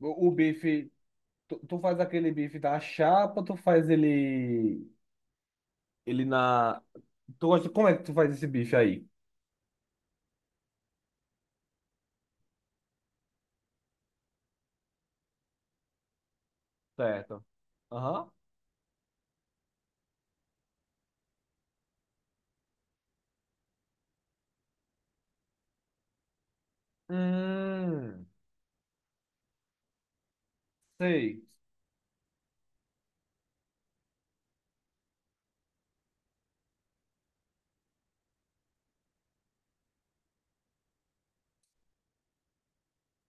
O bife, tu faz aquele bife da chapa, tu faz ele, ele na... Tu gosta, como é que tu faz esse bife aí? Certo. Aham. Hum, sei.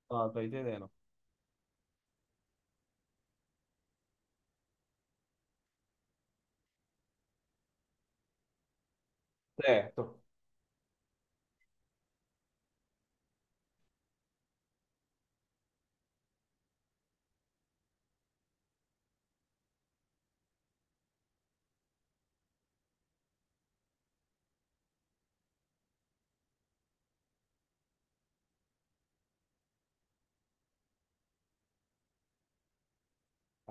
Ah, tô entendendo. Certo.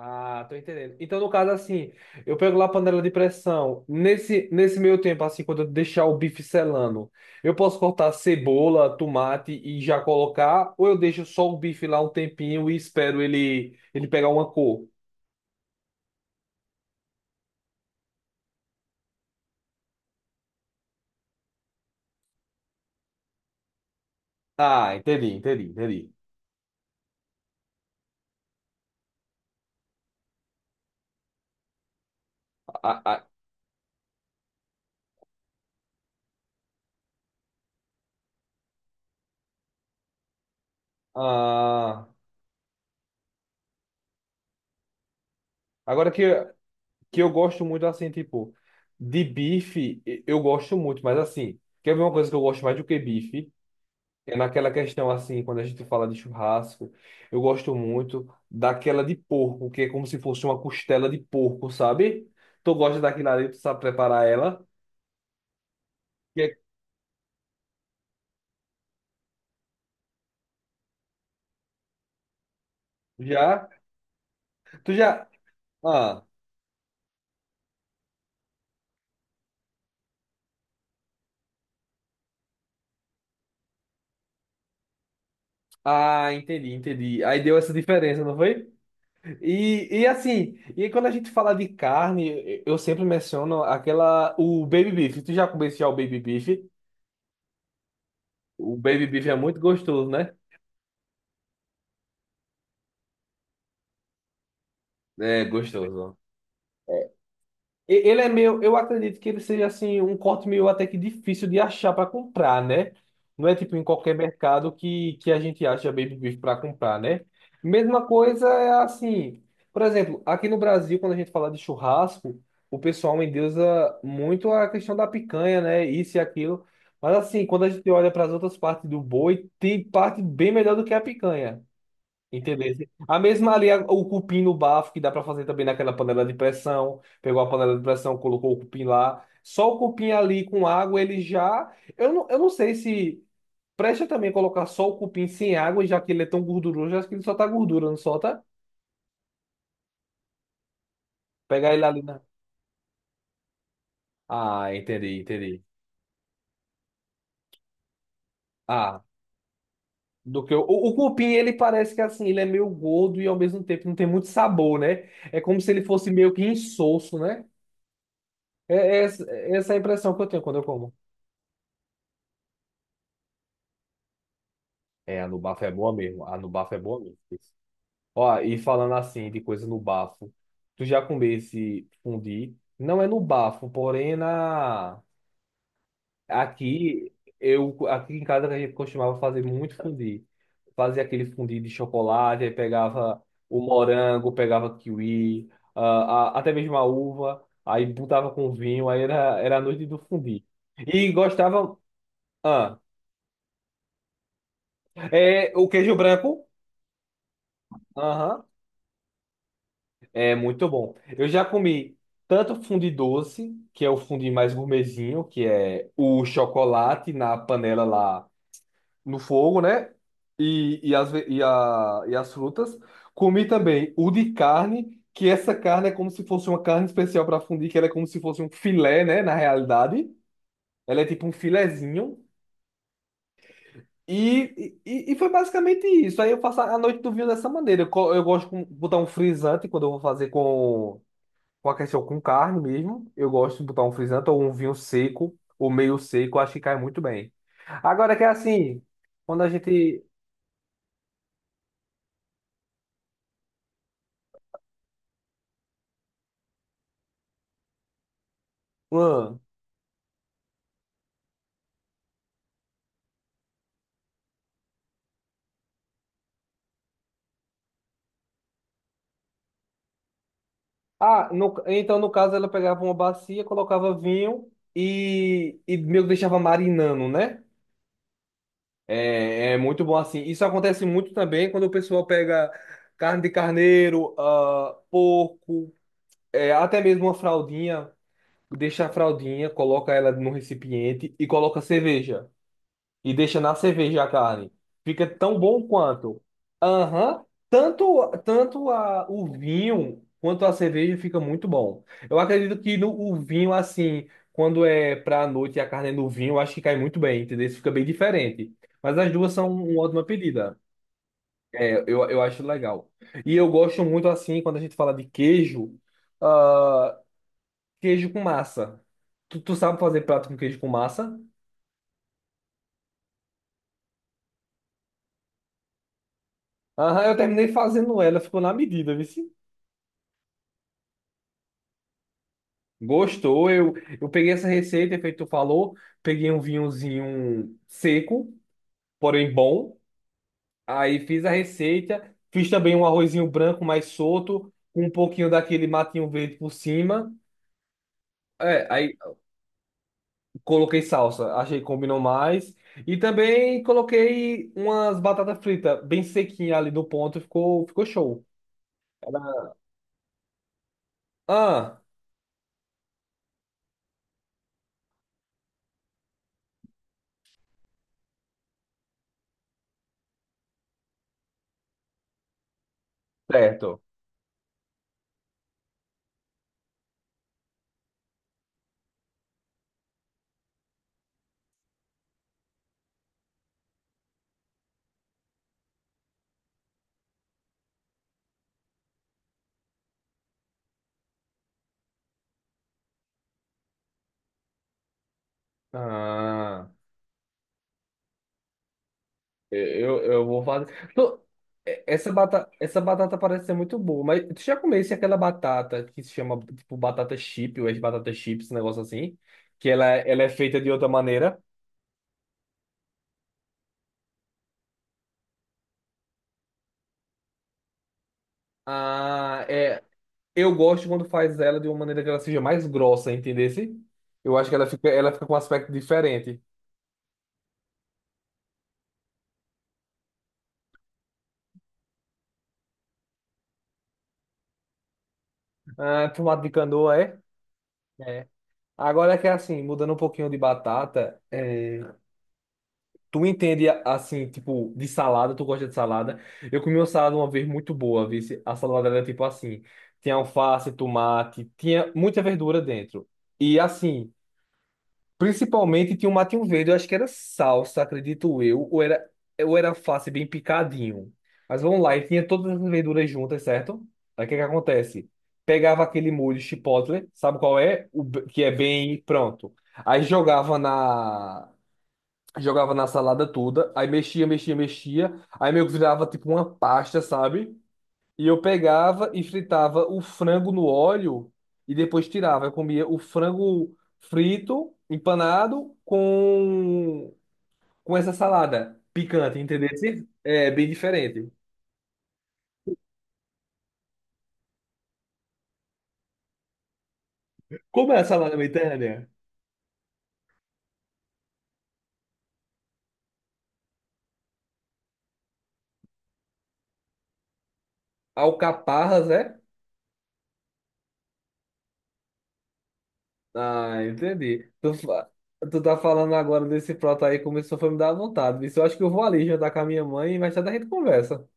Ah, tô entendendo. Então, no caso, assim, eu pego lá a panela de pressão. Nesse meio tempo, assim, quando eu deixar o bife selando, eu posso cortar cebola, tomate e já colocar, ou eu deixo só o bife lá um tempinho e espero ele, ele pegar uma cor? Ah, entendi, entendi, entendi. A- a- a- Agora que eu gosto muito, assim, tipo, de bife, eu gosto muito, mas assim, quer ver uma coisa que eu gosto mais do que bife? É naquela questão, assim, quando a gente fala de churrasco, eu gosto muito daquela de porco, que é como se fosse uma costela de porco, sabe? Tu gosta daquilo ali, tu sabe preparar ela? Que é- Já? Tu já? Ah, ah, entendi, entendi. Aí deu essa diferença, não foi? E assim, e quando a gente fala de carne, eu sempre menciono aquela, o baby beef. Tu já comeu já o baby beef? O baby beef é muito gostoso, né? É gostoso. Ele é meio, eu acredito que ele seja assim um corte meio até que difícil de achar para comprar, né? Não é tipo em qualquer mercado que a gente acha baby beef para comprar, né? Mesma coisa é assim, por exemplo, aqui no Brasil, quando a gente fala de churrasco, o pessoal endeusa muito a questão da picanha, né? Isso e aquilo. Mas assim, quando a gente olha para as outras partes do boi, tem parte bem melhor do que a picanha. Entendeu? A mesma ali, o cupim no bafo, que dá pra fazer também naquela panela de pressão. Pegou a panela de pressão, colocou o cupim lá. Só o cupim ali com água, ele já. Eu não sei se. Presta também colocar só o cupim sem água, já que ele é tão gorduroso, acho que ele só tá gordura, não solta? Pegar ele ali na. Ah, entendi, entendi. Ah, do que o cupim, ele parece que assim, ele é meio gordo e ao mesmo tempo não tem muito sabor, né? É como se ele fosse meio que insosso, né? É, essa é essa a impressão que eu tenho quando eu como. É, a no bafo é boa mesmo. A no bafo é boa mesmo. Ó, e falando assim de coisa no bafo, tu já comesse fundi? Não é no bafo, porém é na aqui eu aqui em casa a gente costumava fazer muito fundi. Fazia aquele fundi de chocolate, aí pegava o morango, pegava kiwi, ah, até mesmo a uva, aí botava com vinho, aí era a noite do fundi. E gostava, ah, é o queijo branco? Aham. É muito bom. Eu já comi tanto fundi doce, que é o fundi mais gourmetzinho, que é o chocolate na panela lá no fogo, né? E, as, ve- e, a, e as frutas. Comi também o de carne, que essa carne é como se fosse uma carne especial para fundir, que ela é como se fosse um filé, né? Na realidade, ela é tipo um filezinho. E foi basicamente isso. Aí eu faço a noite do vinho dessa maneira. Eu gosto de botar um frisante quando eu vou fazer com. Com a questão com carne mesmo, eu gosto de botar um frisante ou um vinho seco, ou meio seco, acho que cai muito bem. Agora que é assim, quando a gente. Hum. Ah, então no caso ela pegava uma bacia, colocava vinho e meio que deixava marinando, né? É, é muito bom assim. Isso acontece muito também quando o pessoal pega carne de carneiro, ah, porco, é, até mesmo uma fraldinha, deixa a fraldinha, coloca ela num recipiente e coloca cerveja. E deixa na cerveja a carne. Fica tão bom quanto. Aham. Tanto, tanto o vinho quanto a cerveja fica muito bom. Eu acredito que no, o vinho, assim, quando é pra noite e a carne é no vinho, eu acho que cai muito bem, entendeu? Isso fica bem diferente. Mas as duas são uma ótima pedida. É, eu acho legal. E eu gosto muito, assim, quando a gente fala de queijo, ah, queijo com massa. Tu sabe fazer prato com queijo com massa? Aham, eu terminei fazendo ela, ficou na medida, viu? Gostou? Eu peguei essa receita, é feito tu falou, peguei um vinhozinho seco, porém bom. Aí fiz a receita, fiz também um arrozinho branco mais solto, com um pouquinho daquele matinho verde por cima. É, aí coloquei salsa, achei que combinou mais. E também coloquei umas batatas fritas bem sequinha ali no ponto, ficou show. Era- Ah, certo. Ah. Eu vou fazer. Tô- essa batata parece ser muito boa, mas tu já comesse aquela batata que se chama tipo batata chip, ou é batata chips, esse negócio assim? Que ela é feita de outra maneira. Ah, é. Eu gosto quando faz ela de uma maneira que ela seja mais grossa, entendesse? Eu acho que ela fica com um aspecto diferente. Ah, tomate de canoa, é? É. Agora é que é assim, mudando um pouquinho de batata. Tu entende assim, tipo, de salada, tu gosta de salada. Eu comi uma salada uma vez muito boa, viu a salada era tipo assim, tinha alface, tomate, tinha muita verdura dentro. E assim, principalmente tinha um matinho verde, eu acho que era salsa, acredito eu, ou era alface bem picadinho. Mas vamos lá, e tinha todas as verduras juntas, certo? Aí o que que acontece? Pegava aquele molho chipotle, sabe qual é? Que é bem pronto. Aí jogava na salada toda, aí mexia, mexia, mexia, aí meio que virava tipo uma pasta, sabe? E eu pegava e fritava o frango no óleo e depois tirava. Eu comia o frango frito, empanado, com essa salada picante, entendeu? É bem diferente. Como é a salada mediterrânea? Alcaparras, é? Ah, entendi. Tu tá falando agora desse prato aí, começou a me dar vontade. Isso eu acho que eu vou ali jantar com a minha mãe e mais tarde a gente conversa.